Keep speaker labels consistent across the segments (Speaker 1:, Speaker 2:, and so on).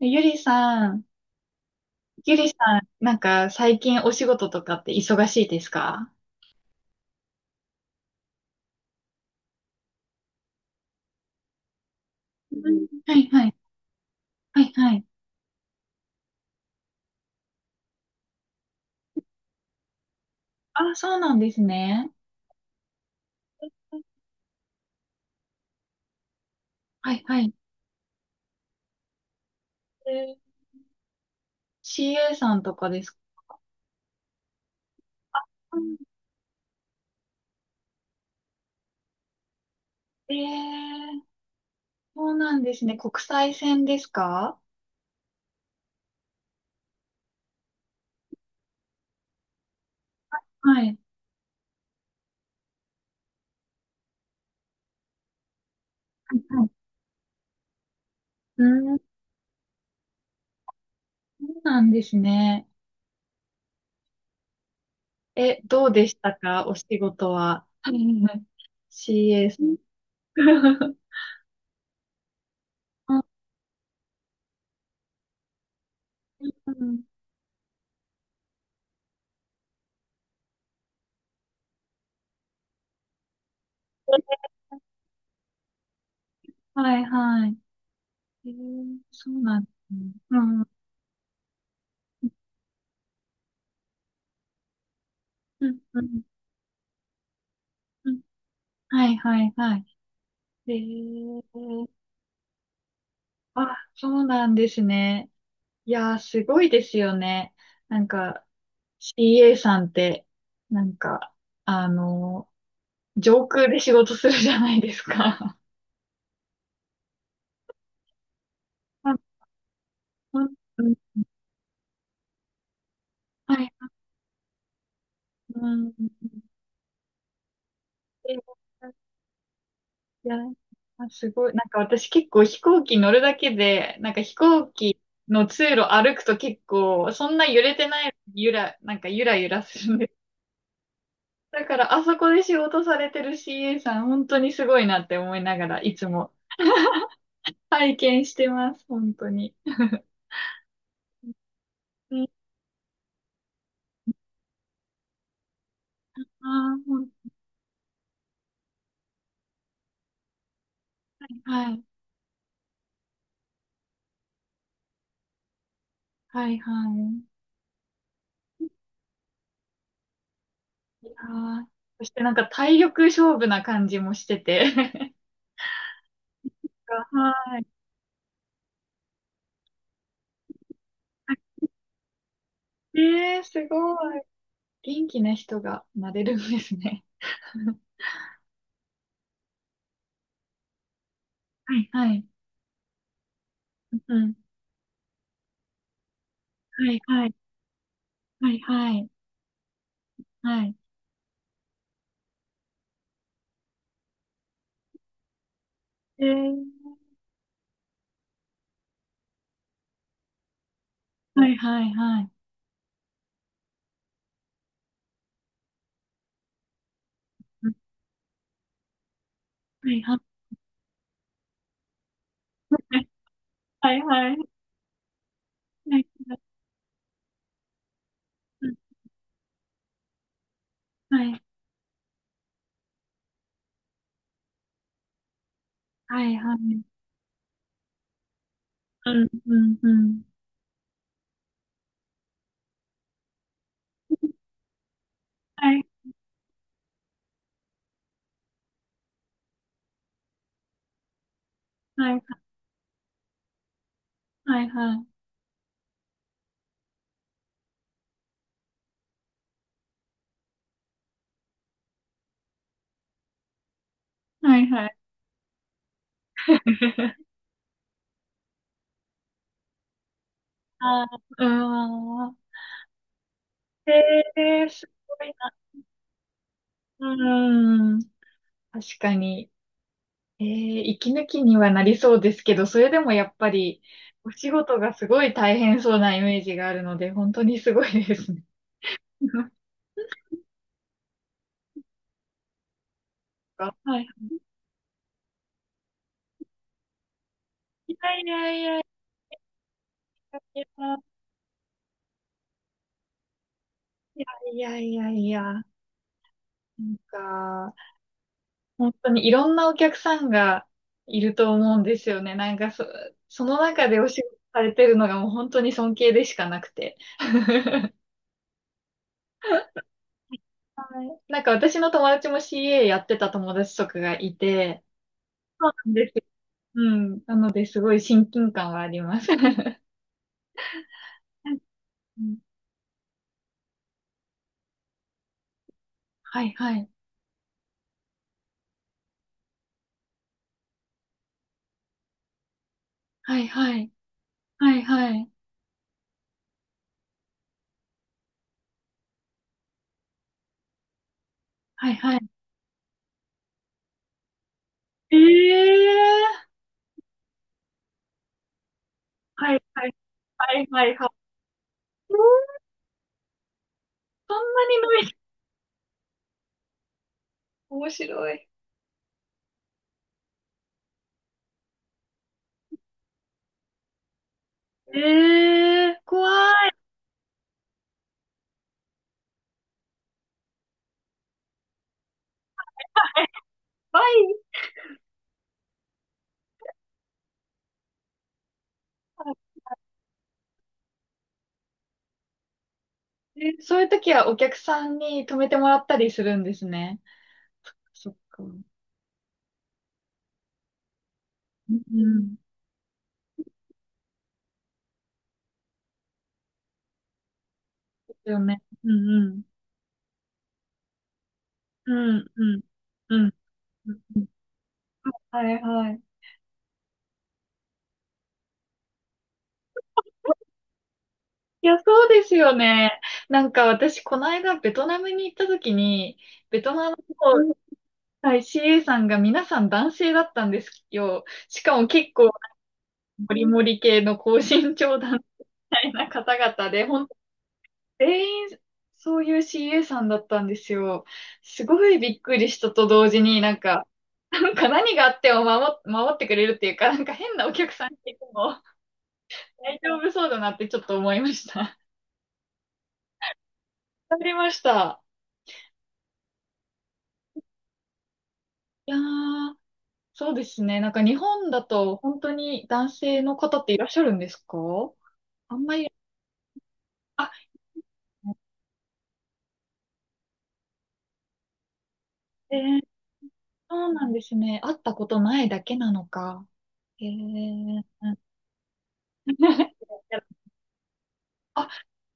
Speaker 1: ゆりさん、ゆりさん、なんか最近お仕事とかって忙しいですか？うん、はいはい。はいはい。あ、そうなんですね。はいはい。えー、 CA さんとかですか？うん。えー、そうなんですね。国際線ですか？はい。はいはい。うん、そうなんですね。え、どうでしたかお仕事は。はいはい。CA さん。うん、うん。はいはい。えー、そうなんですね。うん、うん、うん、うん。はい、はい、はい。えー、あ、そうなんですね。いやー、すごいですよね。なんか、CA さんって、なんか、あの上空で仕事するじゃないですか。うん、うん、うん、はい、うん。うん、うん。いや、あすごい。なんか私結構飛行機乗るだけで、なんか飛行機の通路歩くと結構、そんな揺れてない、ゆら、なんかゆらゆらするんです。だからあそこで仕事されてる CA さん、本当にすごいなって思いながら、いつも拝見してます、本当に。うん、あー本当に、はい、はい、はい。あー、そしてなんか体力勝負な感じもしてて。はい。えー、すごい。元気な人がなれるんですね。はいはい。うん。はいはい。はいはい。はい。えー、はい、はい、はい。うん、はいはい。はいはい。はいはい。はいはい。うんうんうん。はい、はい、はい、はい。はいはい。ああ、うーん。えー、すごいな。うーん。確かに。えー、息抜きにはなりそうですけど、それでもやっぱり、お仕事がすごい大変そうなイメージがあるので、本当にすごいですね。か。はい。いやいやいやいや、いやいやいや、なんか、本当にいろんなお客さんがいると思うんですよね。なんかそ、その中でお仕事されてるのがもう本当に尊敬でしかなくて。はい。なんか私の友達も CA やってた友達とかがいて、そうなんですよ。うん。なので、すごい親近感はあります。うん、はいはい。はいはい。はいはい。はいはい。ええ、はい、はい、はい、はい、そんなにない。面白い。ええ、怖い。バ、えそういう時はお客さんに止めてもらったりするんですね。そっか。うん、うん。ですよね。うん、うん。うん、うん。うん。はいはい。いや、そうですよね。なんか私、この間ベトナムに行った時に、ベトナムの、はい、CA さんが皆さん男性だったんですよ。しかも結構、モリモリ系の高身長男たいな方々で、本当全員そういう CA さんだったんですよ。すごいびっくりしたと同時に、なんか、なんか何があっても守ってくれるっていうか、なんか変なお客さんっていうのも大丈夫そうだなってちょっと思いました。わかりました。いやー、そうですね。なんか日本だと本当に男性の方っていらっしゃるんですか？あんまり、あ、えー、そうなんですね。会ったことないだけなのか。えー、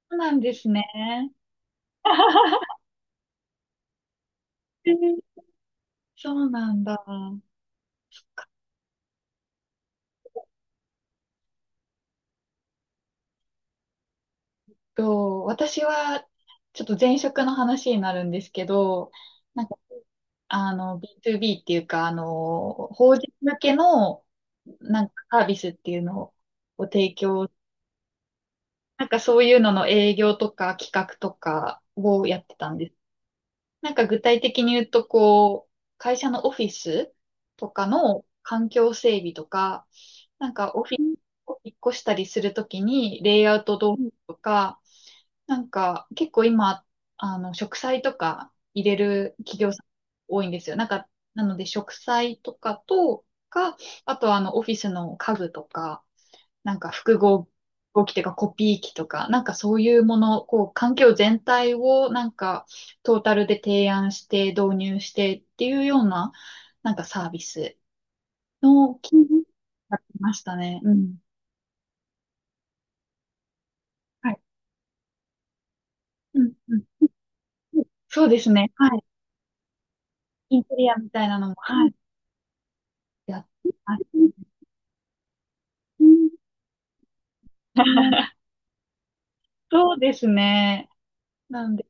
Speaker 1: そうなんですね。えー、そうなんだ。と、私は、ちょっと前職の話になるんですけど、なんか、あの、B2B っていうか、あの、法人向けの、なんかサービスっていうのを提供、なんかそういうのの営業とか企画とかをやってたんです。なんか具体的に言うと、こう、会社のオフィスとかの環境整備とか、なんかオフィスを引っ越したりするときにレイアウトどうとか、なんか結構今、あの、植栽とか入れる企業さん多いんですよ。なんか、なので植栽とかとか、あとはあの、オフィスの家具とか、なんか複合合機というかコピー機とか、なんかそういうもの、こう、環境全体をなんかトータルで提案して導入してっていうような、なんかサービスの企融やってましたね。うん。はい。うん、うん。そうですね。はい。インテリアみたいなのも、はい。やってます。うん。 そうですね。なんで、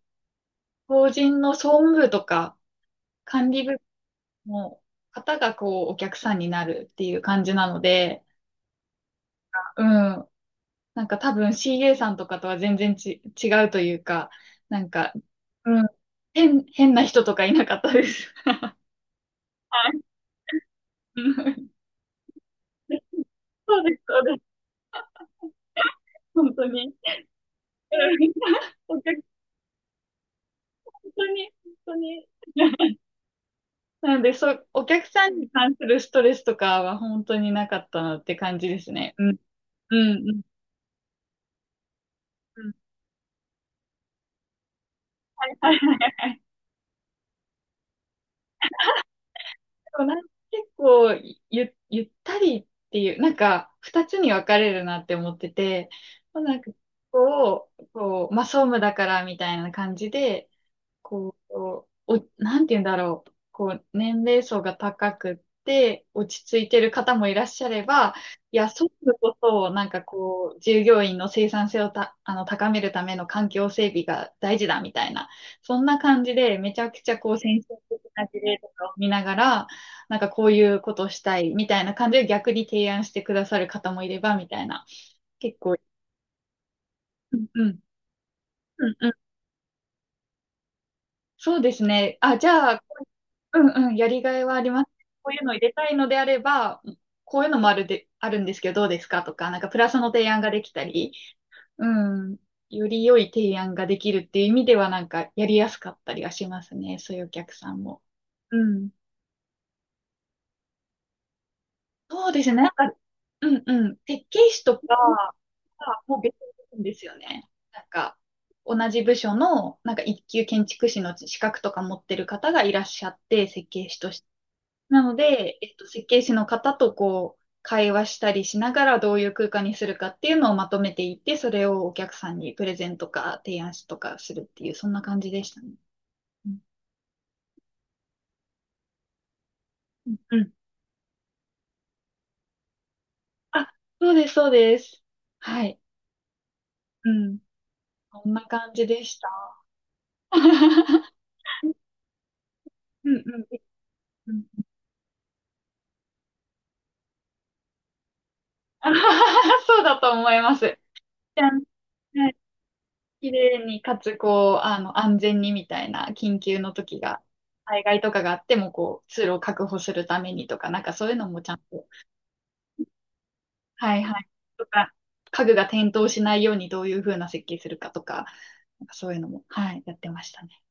Speaker 1: 法人の総務部とか管理部の方がこう、お客さんになるっていう感じなので、うん。なんか多分 CA さんとかとは全然違うというか、なんか、うん。変な人とかいなかったです。はい。うん、そうです、そうです。本当に。うん、お客、本当に、本当に。なので、そう、お客さんに関するストレスとかは本当になかったなって感じですね。うん。うん、うん。うん、はい。 でもなんか結構ゆったりっていう、なんか二つに分かれるなって思ってて、なんかこう、こう、まあ総務だからみたいな感じで、こう、お、なんて言うんだろう。こう、年齢層が高くって、落ち着いてる方もいらっしゃれば、いや、そういうことを、なんかこう、従業員の生産性をた、あの、高めるための環境整備が大事だみたいな、そんな感じで、めちゃくちゃこう、先進的な事例とかを見ながら、なんかこういうことをしたいみたいな感じで逆に提案してくださる方もいれば、みたいな。結構、うん、うん。うん、そうですね。あ、じゃあ、うん、うん、やりがいはあります。こういうの入れたいのであれば、こういうのもあるで、あるんですけど、どうですかとか、なんかプラスの提案ができたり、うん、より良い提案ができるっていう意味では、なんかやりやすかったりはしますね。そういうお客さんも。うん。そうですね。なんか、うん、うん。設計士とかはもう別にいるんですよね。なんか、同じ部署の、なんか一級建築士の資格とか持ってる方がいらっしゃって、設計士として、なので、えっと、設計士の方とこう、会話したりしながらどういう空間にするかっていうのをまとめていって、それをお客さんにプレゼントか提案しとかするっていう、そんな感じでしたね。うん、うん。あ、そうです、そうです。はい。うん。こんな感じでした。うん、うん。うん、うん、あははは。 そうだと思います。じゃあ綺麗に、かつ、こう、あの、安全にみたいな、緊急の時が、災害とかがあっても、こう、通路を確保するためにとか、なんかそういうのもちゃんと、はいはい、とか、家具が転倒しないようにどういう風な設計するかとか、なんかそういうのも、はい、やってましたね。